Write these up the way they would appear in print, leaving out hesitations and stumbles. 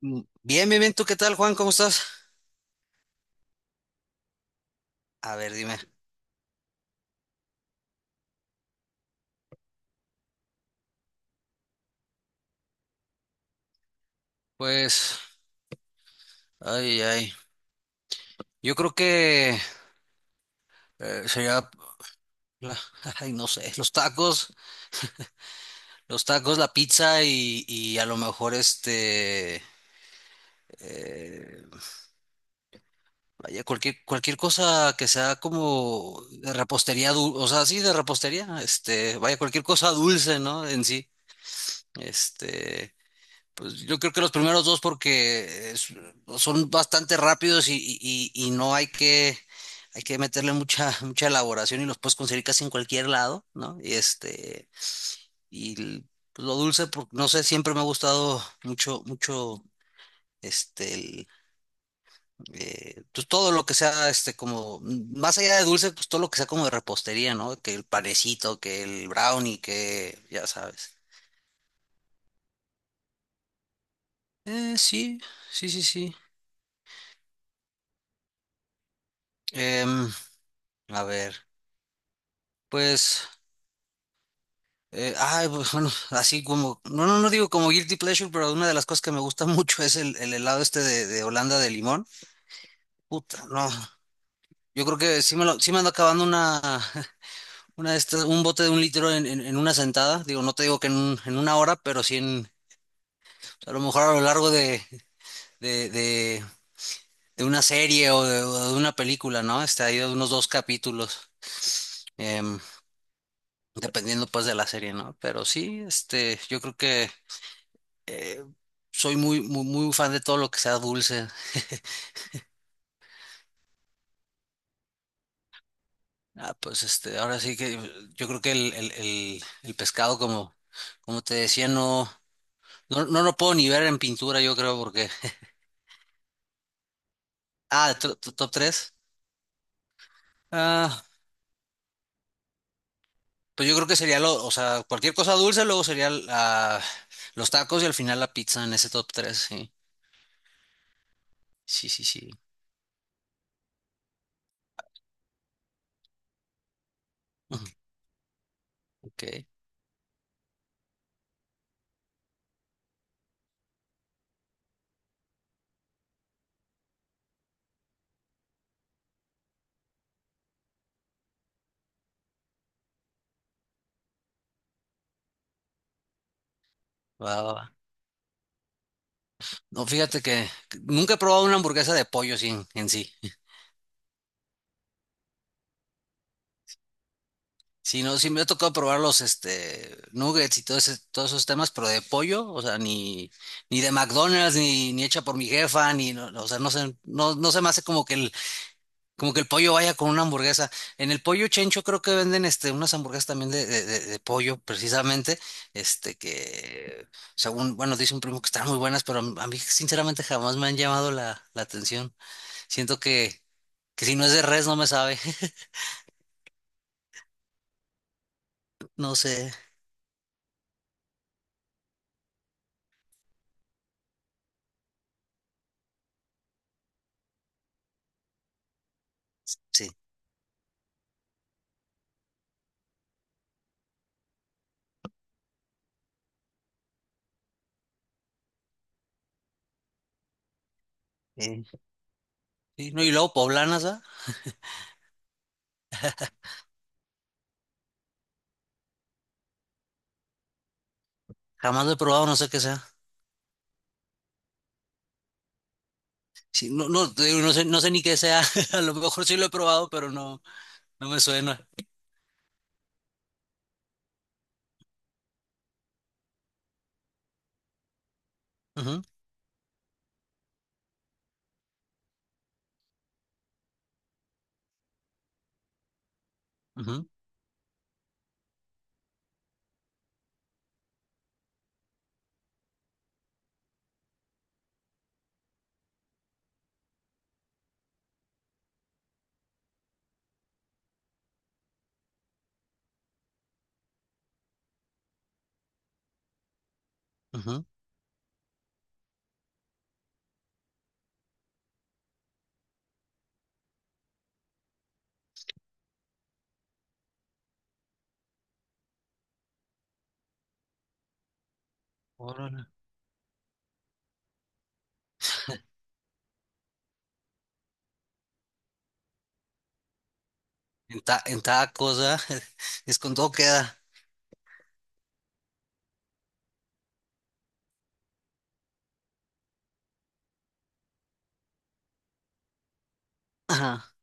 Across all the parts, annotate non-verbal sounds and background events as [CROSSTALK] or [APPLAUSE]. Bien, bien, bien. ¿Tú qué tal, Juan? ¿Cómo estás? A ver, dime. Pues, ay, ay. Yo creo que sería, la- [LAUGHS] ay, no sé, los tacos, la pizza y, a lo mejor este, eh, vaya, cualquier cosa que sea como de repostería, o sea, sí, de repostería, este, vaya, cualquier cosa dulce, ¿no? En sí, este. Pues yo creo que los primeros dos porque es- son bastante rápidos y no hay que, hay que meterle mucha, [LAUGHS] mucha elaboración y los puedes conseguir casi en cualquier lado, ¿no? Y este, y l- pues lo dulce, no sé, siempre me ha gustado mucho, mucho, este, el, pues todo lo que sea, este, como, mm, más allá de dulce, pues todo lo que sea como de repostería, ¿no? Que el panecito, que el brownie, que, ya sabes. Sí, sí, sí, sí. Em, a ver, pues... ay, pues bueno, así como, no, no, no digo como guilty pleasure, pero una de las cosas que me gusta [LAUGHS] mucho es el helado este de Holanda de limón. Puta, no, yo creo que sí me lo, sí me ando acabando una, [LAUGHS] una de estas, un bote de un litro en una sentada. Digo, no te digo que en, en una hora, pero sí en, pues, a lo mejor a lo largo de, de, de, de una serie o de una película, ¿no? Este, hay unos dos capítulos, em, dependiendo pues de la serie, ¿no? Pero sí, este, yo creo que eh, soy muy, muy, muy fan de todo lo que sea dulce. Ah, pues este, ahora sí que yo creo que el pescado, como, como te decía, no, no, no lo puedo ni ver en pintura, yo creo, porque. Ah, top tres. Ah, pues yo creo que sería lo, o sea, cualquier cosa dulce, luego sería ah, los tacos y al final la pizza en ese top tres. Sí. Sí, sí, sí. [LAUGHS] Ujú. Ok. Va, va, va. No, fíjate que nunca he probado una hamburguesa de pollo sin, en sí. Sí, no, sí me ha tocado probar los este nuggets y todo todos esos temas, pero de pollo, o sea, ni, ni de McDonald's, ni, ni hecha por mi jefa, ni no, no, o sea, no sé, no, no se me hace como que el pollo vaya con una hamburguesa. En el pollo chencho creo que venden este unas hamburguesas también de, de pollo, precisamente, este que según, bueno, dice un primo que están muy buenas, pero a mí sinceramente jamás me han llamado la, la atención. Siento que si no es de res no me sabe, [LAUGHS] no sé, sí. Sí. Sí, no, y luego poblanas, ¿ah? Jamás lo he probado, no sé qué sea. Sí, no, no, te digo, no sé, no sé ni qué sea. [LAUGHS] A lo mejor sí lo he probado, pero no, no me suena. Ujú, ujú, ujú. Órale. En, en tacos, ¿ah? [LAUGHS] Es con todo queda. Ajá.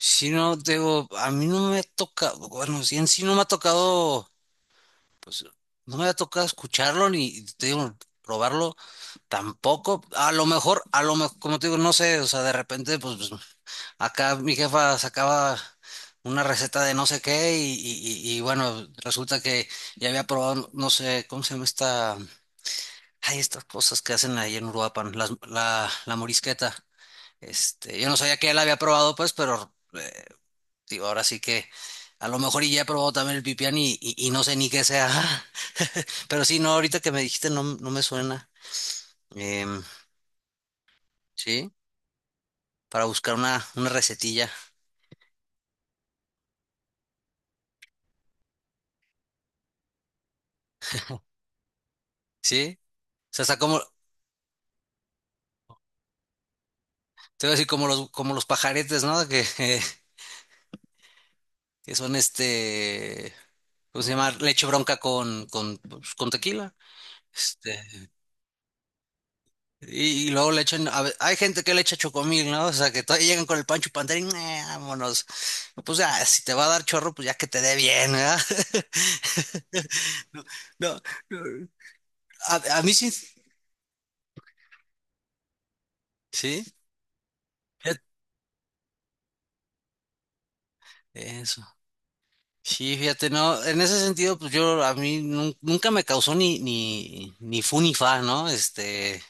Sí, no, te digo, a mí no me toca, bueno, sí, en sí no me ha tocado, pues, no me ha tocado escucharlo ni, te digo, probarlo tampoco. A lo mejor, como te digo, no sé, o sea, de repente, pues, acá mi jefa sacaba una receta de no sé qué y bueno, resulta que ya había probado, no sé, ¿cómo se llama esta? Hay estas cosas que hacen ahí en Uruapan, la morisqueta. Este, yo no sabía que ya había probado, pues, pero digo, ahora sí que a lo mejor y ya he probado también el pipián y no sé ni qué sea. [LAUGHS] Pero sí, no, ahorita que me dijiste no, no me suena. Em, sí, para buscar una recetilla. Sí. O sea, está como, se ve así como los pajaretes, ¿no? Que, [LAUGHS] que son este, ¿cómo se llama? Leche bronca con, pues, con tequila. Este, y luego le echan, hay gente que le echa chocomil, ¿no? O sea, que todavía llegan con el pancho Pantera y "Nah, vámonos. Pues ya, si te va a dar chorro, pues ya que te dé bien, ¿verdad? [LAUGHS] No, no, no. A mí sí, sí, fíjate, eso. Sí, fíjate, no, en ese sentido, pues yo, a mí nunca me causó ni, ni, ni fu ni fa, ¿no? Este,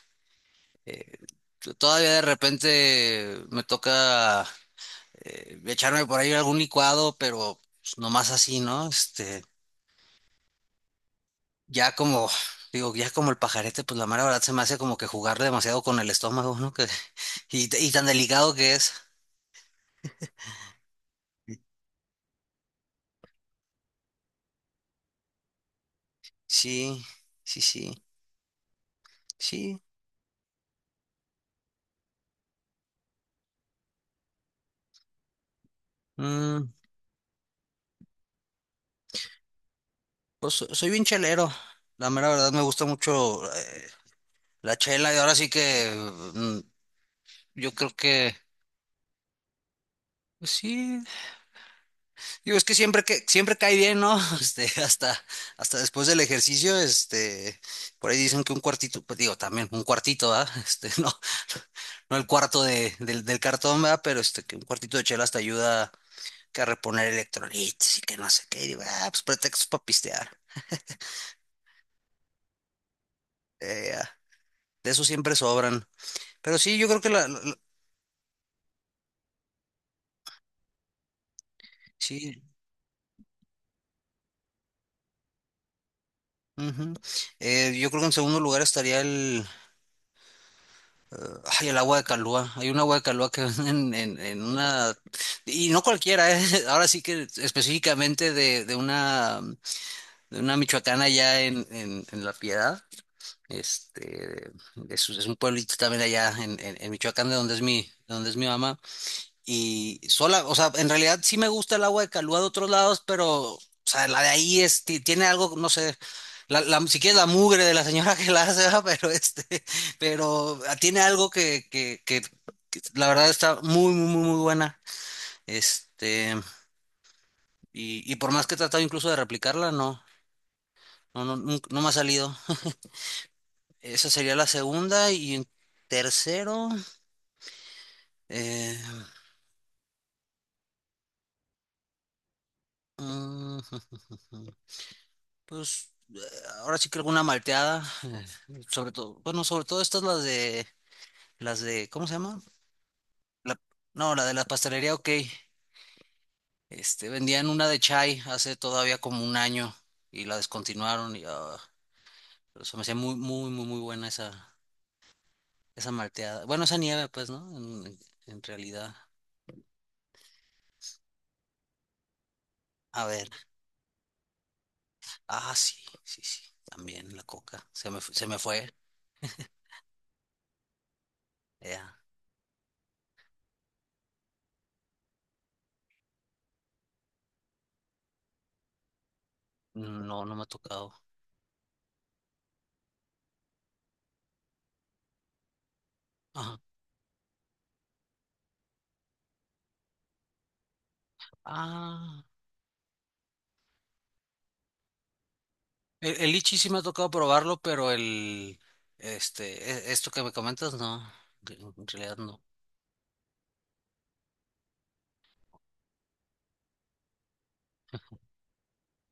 Eh, todavía de repente me toca echarme por ahí algún licuado, pero pues, nomás así, ¿no? Este, ya como, digo, ya como el pajarete, pues la mera verdad se me hace como que jugar demasiado con el estómago, ¿no? Que, [LAUGHS] y, y tan delicado que es. Sí, sí, sí, sí. Mm, pues soy bien chelero. La mera verdad me gusta mucho la chela y ahora sí que mm, yo creo que... Pues sí. Digo, es que siempre cae bien, ¿no? [LAUGHS] Este, hasta, hasta después del ejercicio, este, por ahí dicen que un cuartito, pues digo, también un cuartito, ¿ah? [LAUGHS] Este, no, no el cuarto de, del cartón, ¿verdad? Pero este, que un cuartito de chela hasta ayuda que a reponer electrolitos y que no sé qué. Y digo, ah, pues pretextos para pistear. Ya, de eso siempre sobran. Pero sí, yo creo que la, sí. Ujú. Yo creo que en segundo lugar estaría ay, el agua de Calúa. Hay un agua de Calúa que venden en una... Y no cualquiera, ¿eh? [LAUGHS] Ahora sí que específicamente de una michoacana allá en La Piedad. Este, es un pueblito también allá en Michoacán, de donde es mi, de donde es mi mamá. Y sola, o sea, en realidad sí me gusta el agua de Calúa de otros lados, pero, o sea, la de ahí es, tiene algo, no sé, la, si quieres la mugre de la señora [LAUGHS] que la hace, ¿verdad? Pero este, [LAUGHS] pero ah, tiene algo que la verdad está muy, muy, muy, muy buena. Este, y por más que he tratado incluso de replicarla, no, no, no, no me ha salido. Esa sería la segunda y en tercero, eh, mm, [LAUGHS] pues ahora sí que alguna malteada, sobre todo, bueno, sobre todo estas las de, ¿cómo se llama? La- no, la de la pastelería, ok. Este, vendían una de chai hace todavía como 1 año y la descontinuaron y ah, pero se me hacía muy, muy, muy, muy buena esa, esa malteada. Bueno, esa nieve, pues, ¿no? En realidad. A ver, ah, sí, sí, sí, también la coca, se me, se me fue. Ya. No, no me ha tocado. Ajá. Ah. El lichi sí me ha tocado probarlo, pero el, este, esto que me comentas, no, en realidad no.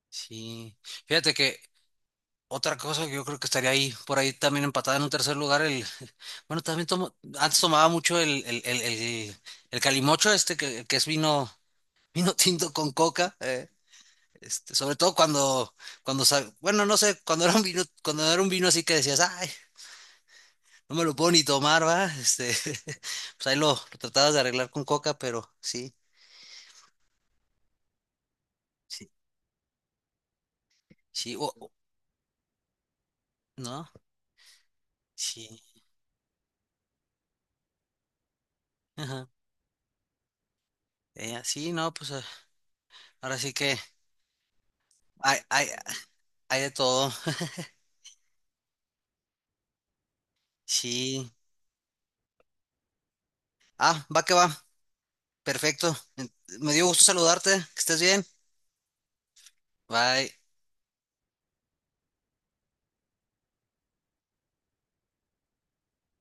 Sí. Fíjate que otra cosa que yo creo que estaría ahí, por ahí también empatada en un tercer lugar, el, [LAUGHS] bueno, también tomo, antes tomaba mucho el, el calimocho este, que es vino, [LAUGHS] vino tinto con coca, este, sobre todo cuando, cuando, bueno, no sé, cuando era un vino, cuando era un vino así que decías, ay. No me lo puedo ni tomar, ¿va? Este, [LAUGHS] pues ahí lo tratabas de arreglar con coca, pero sí, sí, sí, ¿no? Sí, ajá. Sí, no, pues ah, ahora sí que hay, hay de todo. Sí. Ah, va que va. Perfecto. Me dio gusto saludarte. Que estés bien. Bye.